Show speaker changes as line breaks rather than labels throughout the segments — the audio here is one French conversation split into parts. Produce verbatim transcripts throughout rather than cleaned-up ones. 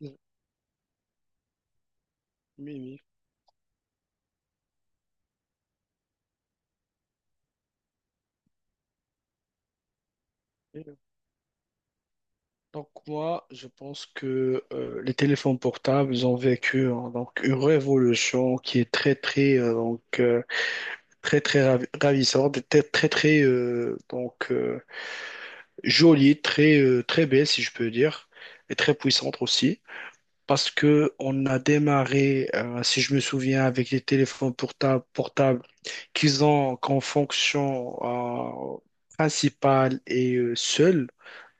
Oui, oui. Donc moi, je pense que euh, les téléphones portables ils ont vécu, hein, donc une révolution qui est très très euh, donc euh, très très ravi- ravissante, très très très euh, donc euh, jolie, très euh, très belle si je peux dire, et très puissante aussi, parce que on a démarré, euh, si je me souviens, avec les téléphones portables portables qu'ils ont comme fonction euh, principale et euh, seule.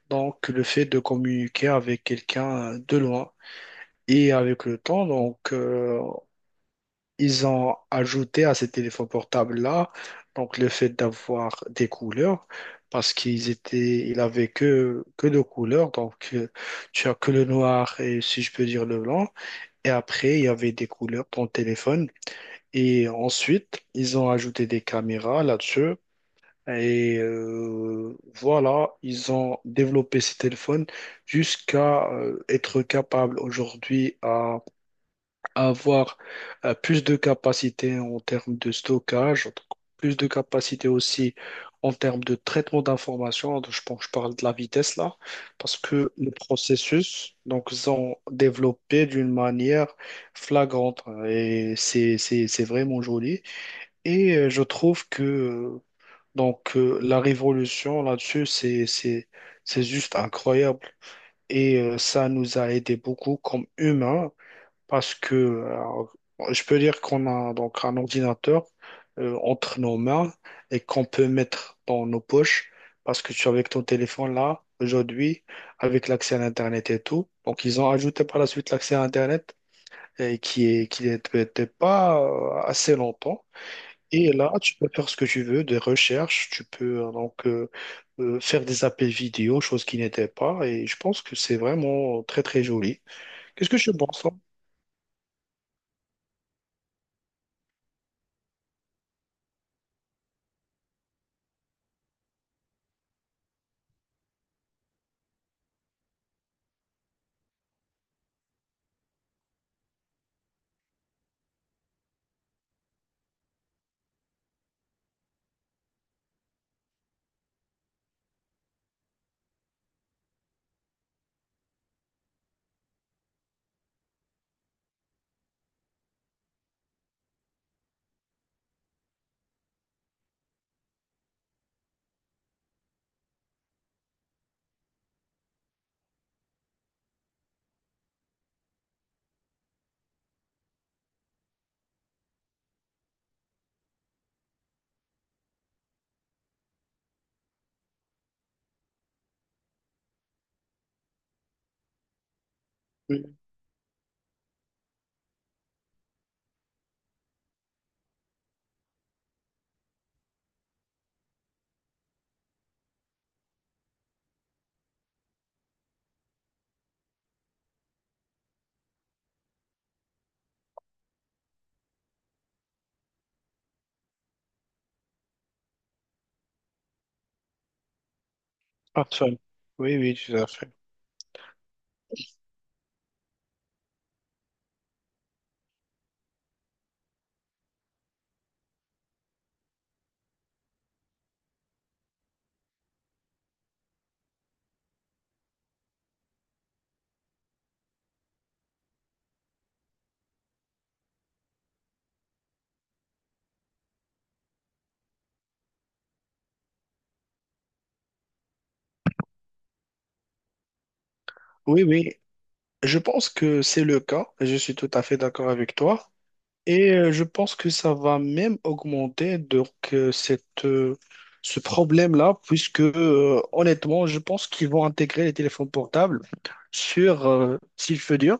Donc, le fait de communiquer avec quelqu'un de loin. Et avec le temps, donc, euh, ils ont ajouté à ces téléphones portables-là, donc, le fait d'avoir des couleurs, parce qu'ils étaient, ils avaient que, que deux couleurs. Donc, euh, tu as que le noir et, si je peux dire, le blanc. Et après, il y avait des couleurs dans le téléphone. Et ensuite, ils ont ajouté des caméras là-dessus et euh, voilà, ils ont développé ces téléphones jusqu'à euh, être capables aujourd'hui à avoir euh, plus de capacité en termes de stockage, donc plus de capacité aussi en termes de traitement d'informations. Donc, je pense, je parle de la vitesse là, parce que le processus, donc, ils ont développé d'une manière flagrante et c'est, c'est, c'est vraiment joli. Et euh, je trouve que euh, donc, euh, la révolution là-dessus, c'est, c'est, c'est juste incroyable. Et euh, ça nous a aidé beaucoup comme humains parce que euh, je peux dire qu'on a donc un ordinateur euh, entre nos mains et qu'on peut mettre dans nos poches parce que tu avec ton téléphone là, aujourd'hui, avec l'accès à l'Internet et tout. Donc, ils ont ajouté par la suite l'accès à Internet et qui est, qui n'était pas euh, assez longtemps. Et là, tu peux faire ce que tu veux, des recherches, tu peux euh, donc euh, euh, faire des appels vidéo, chose qui n'était pas, et je pense que c'est vraiment très très joli. Qu'est-ce que je pense, hein? Oui. Ah, ça. Oui, oui, tout à fait. Oui, oui, je pense que c'est le cas, je suis tout à fait d'accord avec toi, et euh, je pense que ça va même augmenter donc euh, cette, euh, ce problème-là, puisque euh, honnêtement, je pense qu'ils vont intégrer les téléphones portables sur, euh, s'il fait dur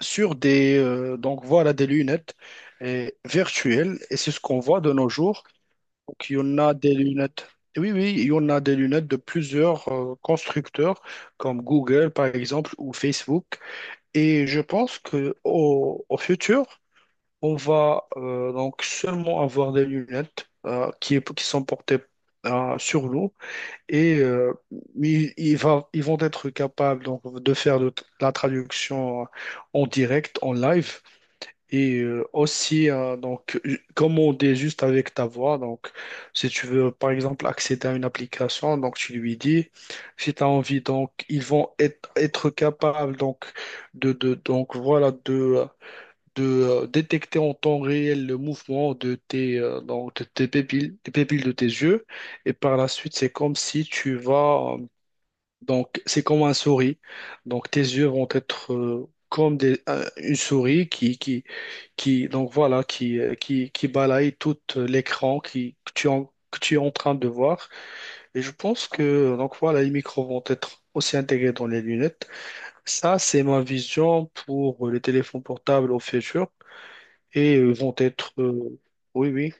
sur des, euh, donc voilà, des lunettes euh, virtuelles et c'est ce qu'on voit de nos jours. Donc, il y en a des lunettes. Oui, oui, il y en a des lunettes de plusieurs euh, constructeurs comme Google par exemple ou Facebook. Et je pense que au, au futur, on va euh, donc seulement avoir des lunettes euh, qui, qui sont portées euh, sur nous et euh, ils, ils va- ils vont être capables donc, de faire de la traduction en direct, en live, et euh, aussi, hein, donc, ju- comme on dit juste avec ta voix, donc, si tu veux, par exemple, accéder à une application, donc, tu lui dis, si tu as envie, donc, ils vont être, être capables, donc, de, de, donc, voilà, de, de euh, détecter en temps réel le mouvement de tes, euh, donc, de tes pupilles, des pupilles de tes yeux. Et par la suite, c'est comme si tu vas, euh, donc, c'est comme un souris. Donc, tes yeux vont être, euh, comme des, un- une souris qui donc voilà qui euh, qui, qui balaye tout euh, l'écran qui que tu en, que tu es en train de voir. Et je pense que donc voilà les micros vont être aussi intégrés dans les lunettes. Ça c'est ma vision pour euh, les téléphones portables au futur et euh, vont être euh, oui oui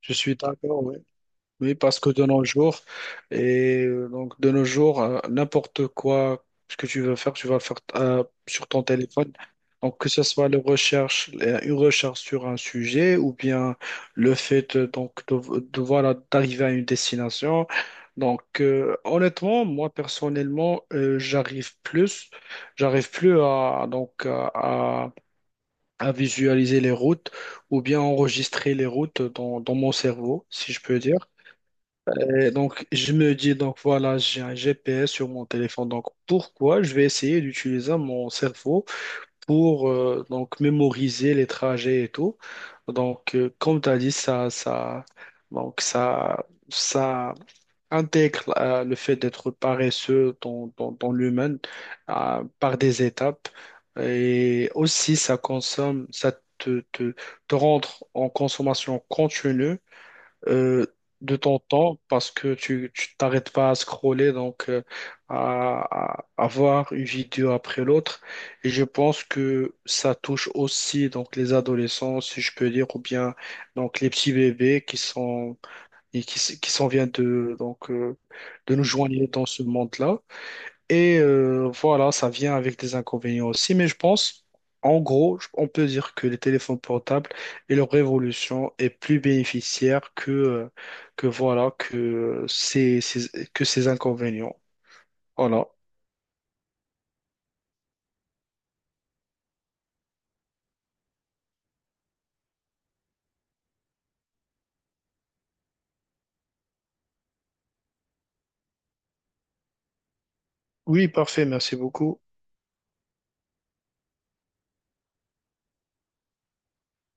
je suis d'accord, oui. Oui, parce que de nos jours, et euh, donc de nos jours, euh, n'importe quoi ce que tu veux faire, tu vas le faire euh, sur ton téléphone. Donc que ce soit le recherche, euh, une recherche sur un sujet, ou bien le fait de- donc de, de- voilà d'arriver à une destination. Donc euh, honnêtement, moi personnellement, euh, j'arrive plus, j'arrive plus à donc à, à- à visualiser les routes ou bien enregistrer les routes dans dans mon cerveau, si je peux dire. Et donc, je me dis, donc voilà, j'ai un G P S sur mon téléphone. Donc, pourquoi je vais essayer d'utiliser mon cerveau pour euh, donc mémoriser les trajets et tout. Donc, euh, comme tu as dit, ça, ça, donc ça, ça intègre euh, le fait d'être paresseux dans, dans, dans l'humain euh, par des étapes. Et aussi, ça consomme, ça te, te, te rendre en consommation continue euh, de ton temps parce que tu tu t'arrêtes pas à scroller, donc euh, à, à- à voir une vidéo après l'autre. Et je pense que ça touche aussi donc les adolescents, si je peux dire, ou bien donc les petits bébés qui sont et qui, s- qui s'en viennent de donc euh, de nous joindre dans ce monde-là. Et euh, voilà, ça vient avec des inconvénients aussi, mais je pense, en gros, je- on peut dire que les téléphones portables et leur révolution est plus bénéficiaire que, euh, que voilà, que ces, ces- que ces inconvénients. Voilà. Oui, parfait, merci beaucoup.